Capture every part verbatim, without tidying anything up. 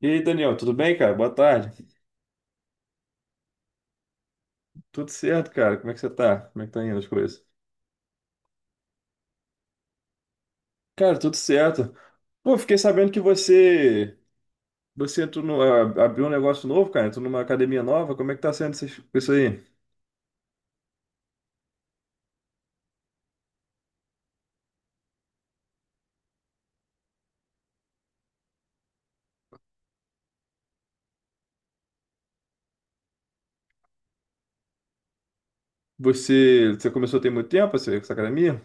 E aí, Daniel, tudo bem, cara? Boa tarde. Tudo certo, cara? Como é que você tá? Como é que tá indo as coisas? Cara, tudo certo. Pô, fiquei sabendo que você você entrou no, a- abriu um negócio novo, cara. Entrou numa academia nova. Como é que tá sendo essas- isso aí? Você, você começou tem muito tempo essa, essa academia?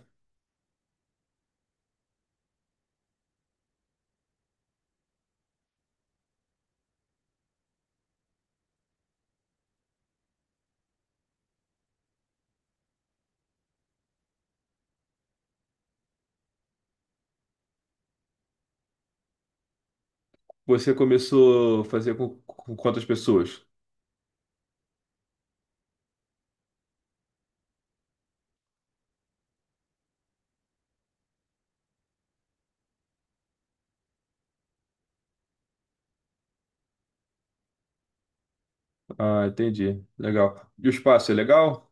Você começou a fazer com, com quantas pessoas? Ah, entendi. Legal. E o espaço é legal?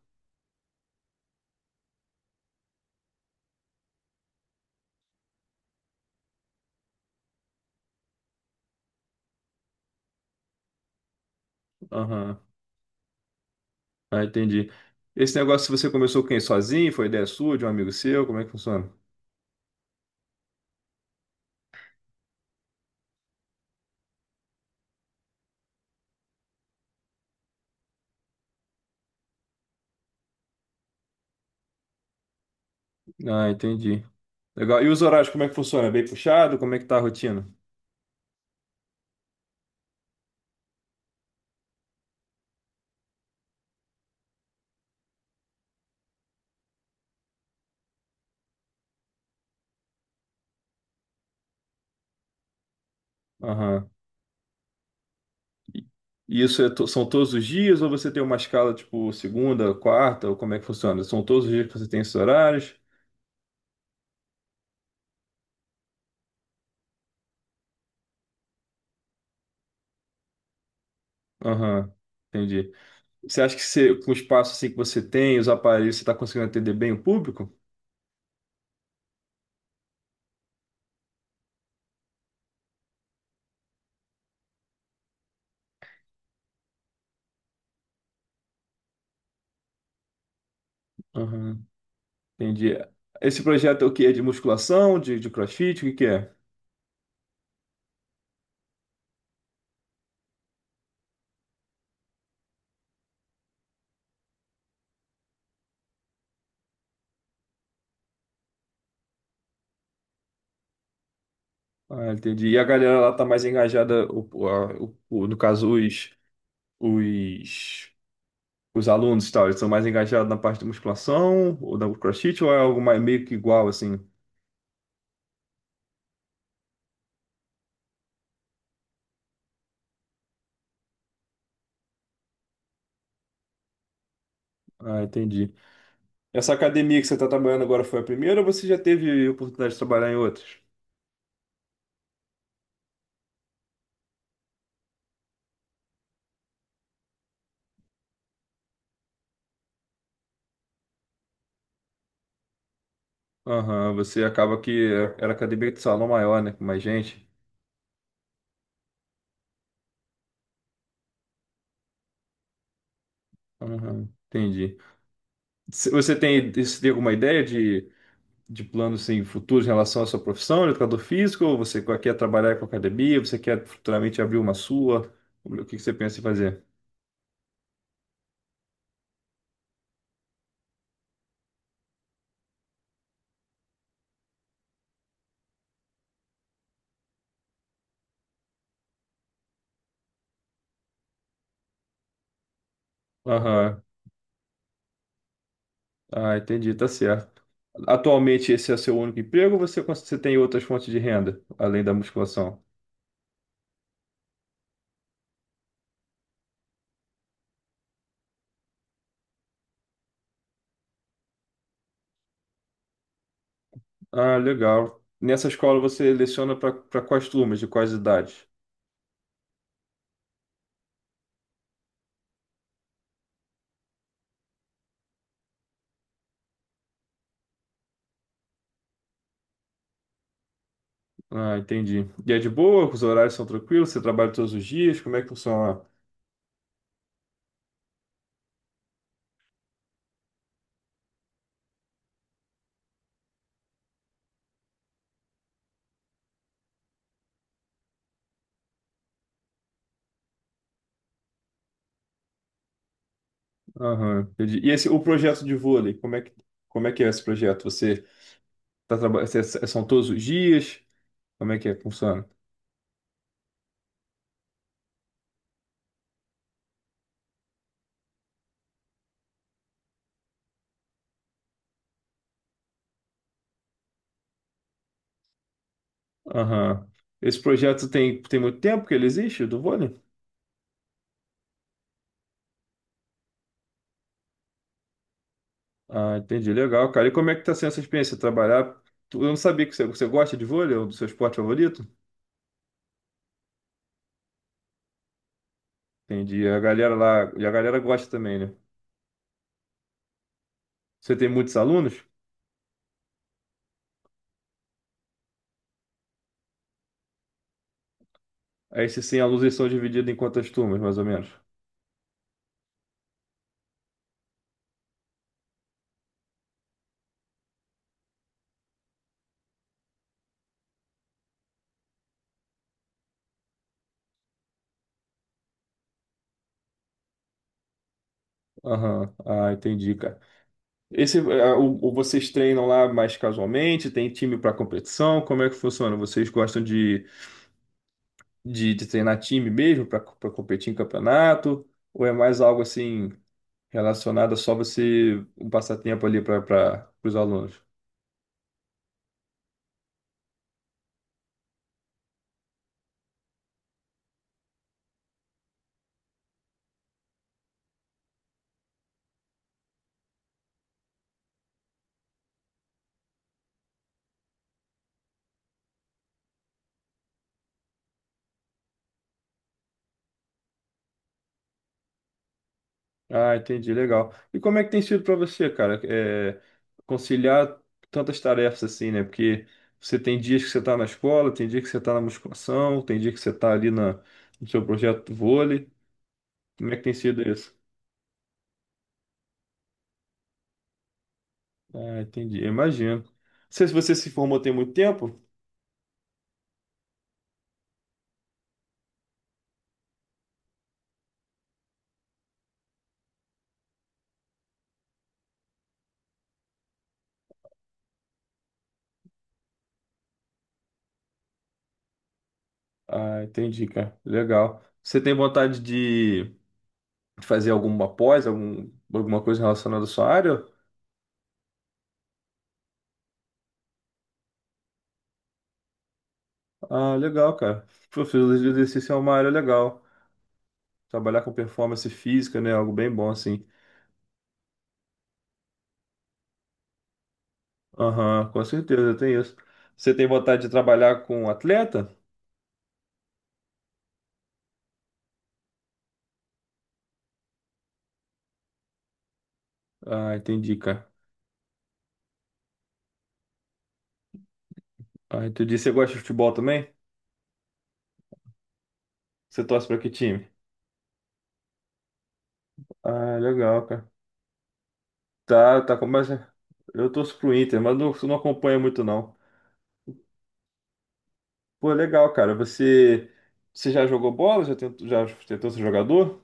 Aham. Ah, entendi. Esse negócio você começou com quem? Sozinho? Foi ideia sua, de um amigo seu? Como é que funciona? Ah, entendi. Legal. E os horários, como é que funciona? É bem puxado? Como é que tá a rotina? Aham. E e isso é to- são todos os dias ou você tem uma escala tipo segunda, quarta, ou como é que funciona? São todos os dias que você tem esses horários? Aham, entendi. Você acha que você, com o espaço assim que você tem, os aparelhos, você está conseguindo atender bem o público? Aham, entendi. Esse projeto é o quê? É de musculação, de, de CrossFit, o que que é? Ah, entendi. E a galera lá tá mais engajada, o, o, a- o- o- no caso, os, os os alunos, e tal, eles são mais engajados na parte de musculação ou da CrossFit ou é algo mais, meio que igual, assim? Ah, entendi. Essa academia que você está trabalhando agora foi a primeira ou você já teve oportunidade de trabalhar em outras? Aham, você acaba que era academia de salão maior, né? Com mais gente. Aham, entendi. Se- Você tem, você tem alguma ideia de, de planos assim, futuros em relação à sua profissão, de educador físico? Ou você quer trabalhar com academia? Você quer futuramente abrir uma sua? O que que você pensa em fazer? Aham, ah, entendi, tá certo. Atualmente esse é seu único emprego ou você, cons- você tem outras fontes de renda, além da musculação? Ah, legal. Nessa escola você leciona para quais turmas, de quais idades? Ah, entendi. E é de boa? Os horários são tranquilos? Você trabalha todos os dias? Como é que funciona? Aham, entendi. E esse, o projeto de vôlei, como é que, como é que é esse projeto? Você tá trabalhando, são todos os dias? Como é que é, que funciona? Aham. Esse projeto tem, tem muito tempo que ele existe, do vôlei? Ah, entendi. Legal, cara. E como é que tá sendo essa experiência? Trabalhar. Tu- Eu não sabia que você, você gosta de vôlei, é o do seu esporte favorito? Entendi. A galera lá, e a galera gosta também, né? Você tem muitos alunos? Aí, se sim, alunos eles são divididos em quantas turmas, mais ou menos? Aham, ah, entendi, cara. Esse, ah, o, o- Vocês treinam lá mais casualmente? Tem time para competição? Como é que funciona? Vocês gostam de de, de treinar time mesmo para competir em campeonato? Ou é mais algo assim relacionado a só você um passatempo ali para os alunos? Ah, entendi, legal. E como é que tem sido para você, cara, é, conciliar tantas tarefas assim, né? Porque você tem dias que você está na escola, tem dia que você está na musculação, tem dia que você está ali na, no seu projeto do vôlei. Como é que tem sido isso? Ah, entendi, imagino. Não sei se você se formou tem muito tempo. Ah, entendi, cara. Legal. Você tem vontade de de fazer alguma pós, algum, alguma coisa relacionada à sua área? Ah, legal, cara. Pô, fisiologia do exercício é uma área legal. Trabalhar com performance física, né? Algo bem bom, assim. Aham, com certeza, tem isso. Você tem vontade de trabalhar com atleta? Ah, entendi, cara. Ah, entendi. Você gosta de futebol também? Você torce pra que time? Ah, legal, cara. Tá, tá, começa. Eu torço pro Inter, mas não, não acompanho muito, não. Pô, legal, cara. Você, você já jogou bola? Já tentou, já tentou ser jogador?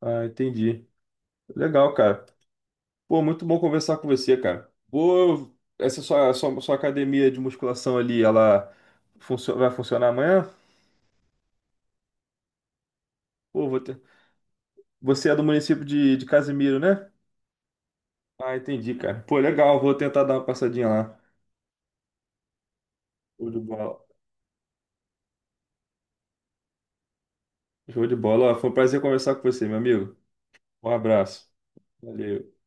Ah, entendi. Legal, cara. Pô, muito bom conversar com você, cara. Pô, essa sua, sua, sua academia de musculação ali, ela funcio- vai funcionar amanhã? Pô, vou ter... Você é do município de, de Casimiro, né? Ah, entendi, cara. Pô, legal. Vou tentar dar uma passadinha lá. Show de bola. Show de bola. Ó, foi um prazer conversar com você, meu amigo. Um abraço. Valeu.